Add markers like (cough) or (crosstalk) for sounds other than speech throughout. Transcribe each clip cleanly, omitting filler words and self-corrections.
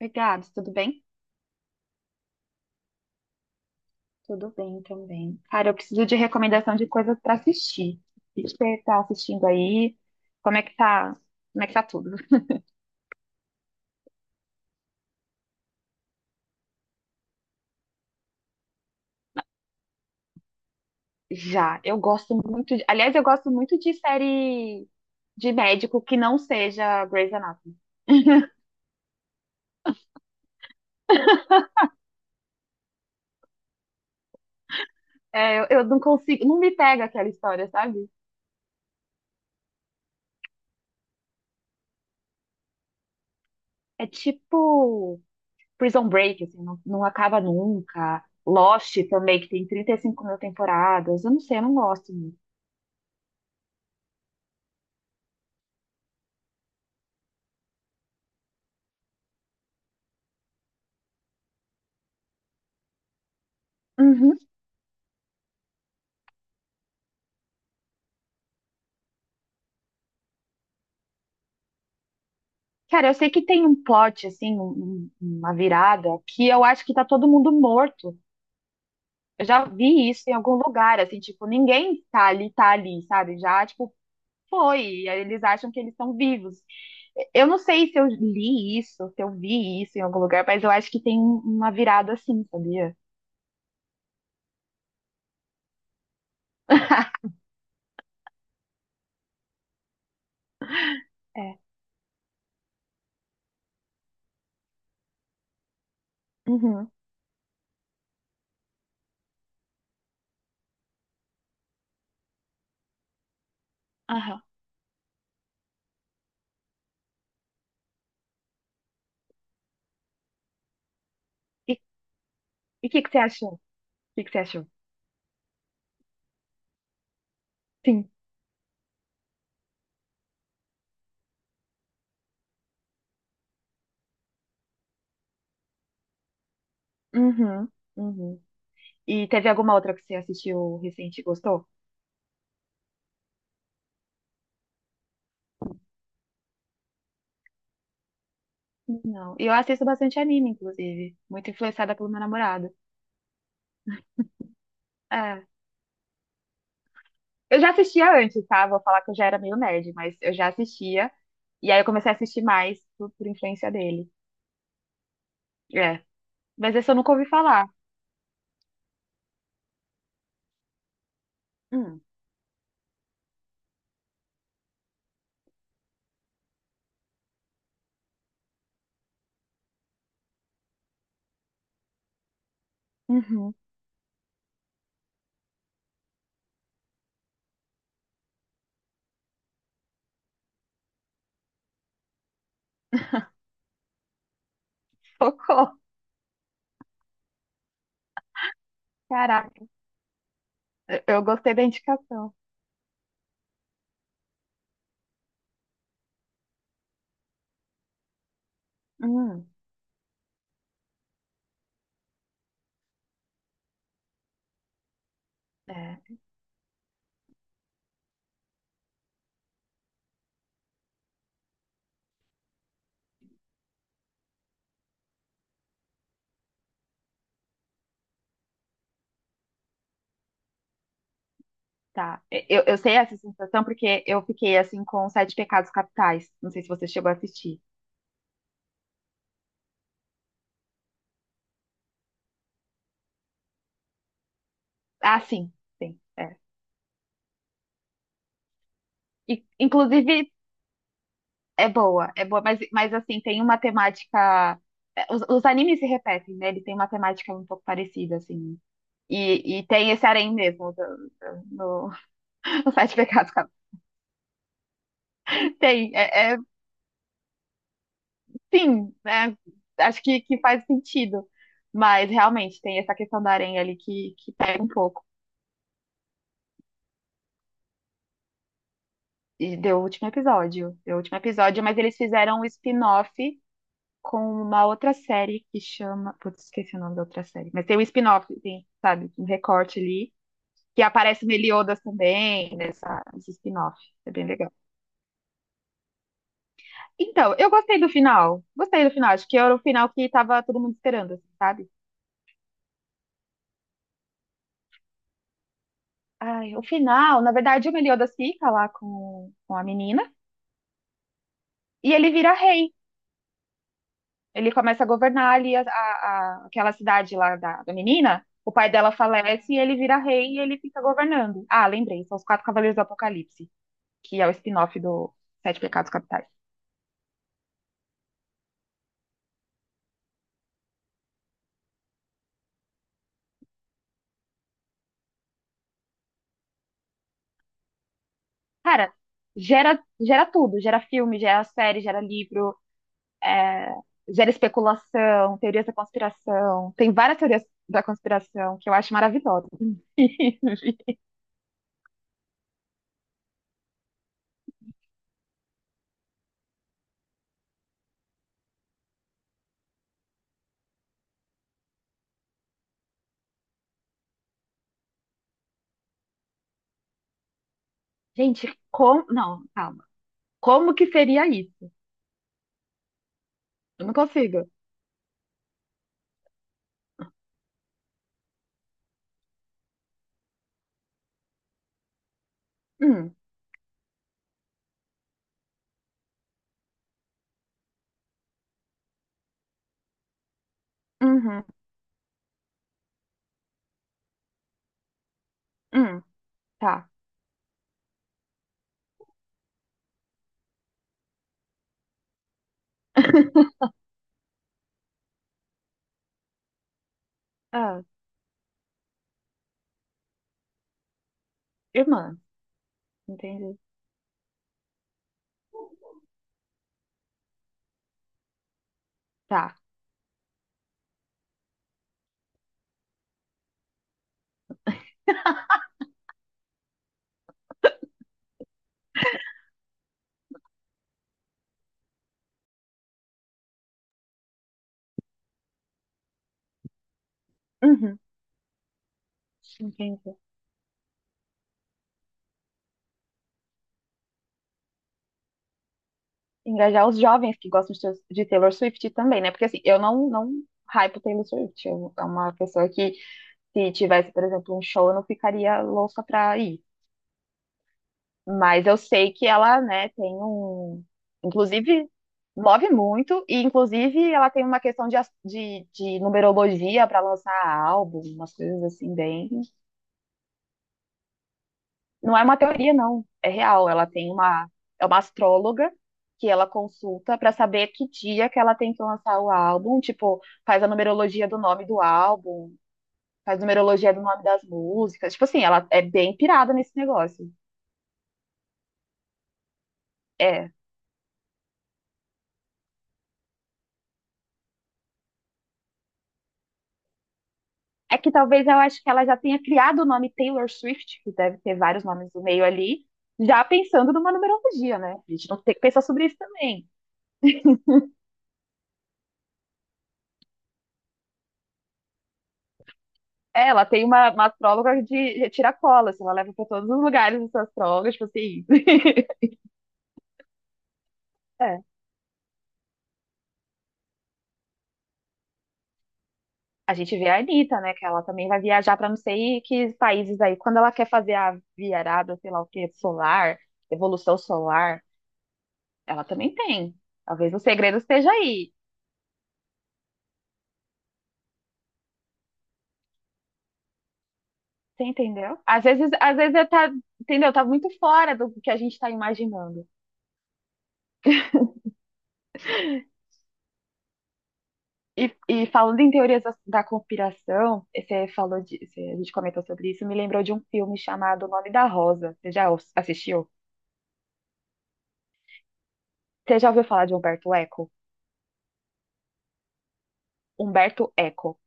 Obrigada. Tudo bem? Tudo bem também. Cara, eu preciso de recomendação de coisas para assistir. O que você tá assistindo aí? Como é que tá? Como é que tá tudo? Já, eu gosto muito de... Aliás, eu gosto muito de série de médico que não seja Grey's Anatomy. É, eu não consigo, não me pega aquela história, sabe? É tipo Prison Break, assim, não, não acaba nunca. Lost também, que tem 35 mil temporadas. Eu não sei, eu não gosto muito. Uhum. Cara, eu sei que tem um plot, assim, uma virada, que eu acho que tá todo mundo morto. Eu já vi isso em algum lugar, assim, tipo, ninguém tá ali, sabe? Já, tipo, foi. E aí eles acham que eles estão vivos. Eu não sei se eu li isso, se eu vi isso em algum lugar, mas eu acho que tem uma virada assim, sabia? (laughs) É. Uhum. Aham. E o que que você achou? O que que você achou? Sim. Uhum. Uhum. E teve alguma outra que você assistiu recente e gostou? Não. E eu assisto bastante anime, inclusive. Muito influenciada pelo meu namorado. É. Eu já assistia antes, tá? Vou falar que eu já era meio nerd, mas eu já assistia. E aí eu comecei a assistir mais por influência dele. É. Mas esse eu nunca ouvi falar. Hum. Uhum. (laughs) Socorro. Caraca. Eu gostei da indicação. Hum. É. Tá. Eu sei essa sensação porque eu fiquei assim com Sete Pecados Capitais. Não sei se você chegou a assistir. Ah, sim. Sim. É. E, inclusive. É boa, mas assim, tem uma temática. É, os animes se repetem, né? Ele tem uma temática um pouco parecida, assim. E tem esse harém mesmo no (laughs) no Sete Pecados Capitais. Tem, é, é- sim, né? Acho que faz sentido. Mas realmente tem essa questão do harém ali que pega um pouco. E deu o último episódio. Deu o último episódio, mas eles fizeram um spin-off com uma outra série que chama. Putz, esqueci o nome da outra série. Mas tem um spin-off, tem, sabe? Um recorte ali que aparece o Meliodas também, nessa, nesse spin-off. É bem legal. Então, eu gostei do final. Gostei do final. Acho que era o final que tava todo mundo esperando, assim, sabe? Ai, o final, na verdade, o Meliodas fica lá com a menina e ele vira rei. Ele começa a governar ali aquela cidade lá da, da menina. O pai dela falece e ele vira rei e ele fica governando. Ah, lembrei, são os Quatro Cavaleiros do Apocalipse, que é o spin-off do Sete Pecados Capitais. Cara, gera, gera tudo, gera filme, gera série, gera livro, é, gera especulação, teorias da conspiração. Tem várias teorias da conspiração que eu acho maravilhosa. Hum. Gente, como. Não, calma. Como que seria isso? Eu não consigo. Hum, uhum, hum, tá. Ah, irmã, entendi. Tá. Uhum, entendi. Engajar os jovens que gostam de Taylor Swift também, né? Porque assim, eu não hypo Taylor Swift. Eu, é uma pessoa que, se tivesse, por exemplo, um show, eu não ficaria louca pra ir. Mas eu sei que ela, né, tem um. Inclusive, move muito, e inclusive ela tem uma questão de numerologia para lançar álbum, umas coisas assim, bem. Não é uma teoria, não. É real. Ela tem uma, é uma astróloga que ela consulta para saber que dia que ela tem que lançar o álbum. Tipo, faz a numerologia do nome do álbum, faz numerologia do nome das músicas. Tipo assim, ela é bem pirada nesse negócio. É. É que talvez eu acho que ela já tenha criado o nome Taylor Swift, que deve ter vários nomes no meio ali, já pensando numa numerologia, né? A gente não tem que pensar sobre isso também. É, ela tem uma astróloga de tirar assim, ela leva para todos os lugares essa astróloga, tipo assim. É. A gente vê a Anitta, né? Que ela também vai viajar para não sei que países aí. Quando ela quer fazer a virada, sei lá o que, solar, evolução solar, ela também tem. Talvez o segredo esteja aí. Você entendeu? Às vezes, eu tá, entendeu? Tá muito fora do que a gente tá imaginando. E falando em teorias da, da conspiração, você falou de, você- a gente comentou sobre isso, me lembrou de um filme chamado O Nome da Rosa. Você já os- assistiu? Você já ouviu falar de Humberto Eco? Humberto Eco.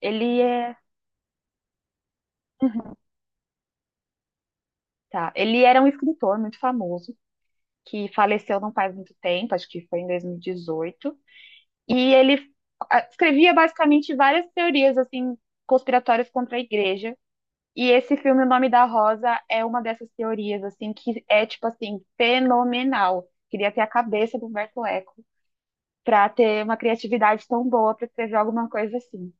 Ele é. Tá. Ele era um escritor muito famoso, que faleceu não faz muito tempo, acho que foi em 2018. E dezoito. E ele escrevia basicamente várias teorias assim conspiratórias contra a igreja. E esse filme, O Nome da Rosa, é uma dessas teorias assim que é tipo assim fenomenal. Queria ter a cabeça do Humberto Eco para ter uma criatividade tão boa para escrever alguma coisa assim.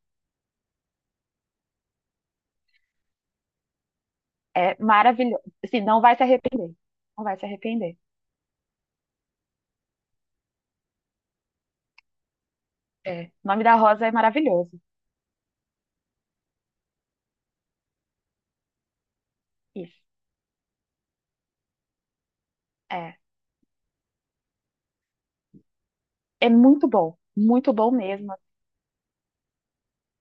É maravilhoso. Assim, não vai se arrepender. Não vai se arrepender. É. O Nome da Rosa é maravilhoso. Isso. É é muito bom mesmo.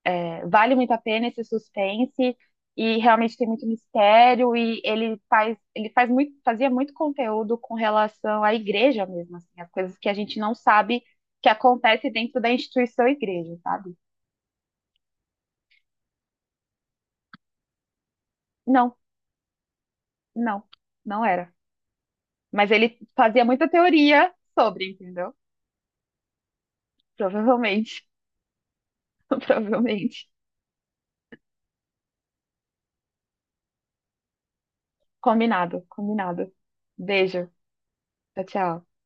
É, vale muito a pena esse suspense e realmente tem muito mistério e ele faz muito, fazia muito conteúdo com relação à igreja mesmo, assim, as coisas que a gente não sabe que acontece dentro da instituição igreja, sabe? Não, não, não era. Mas ele fazia muita teoria sobre, entendeu? Provavelmente, (laughs) provavelmente. Combinado, combinado. Beijo. Tchau, tchau.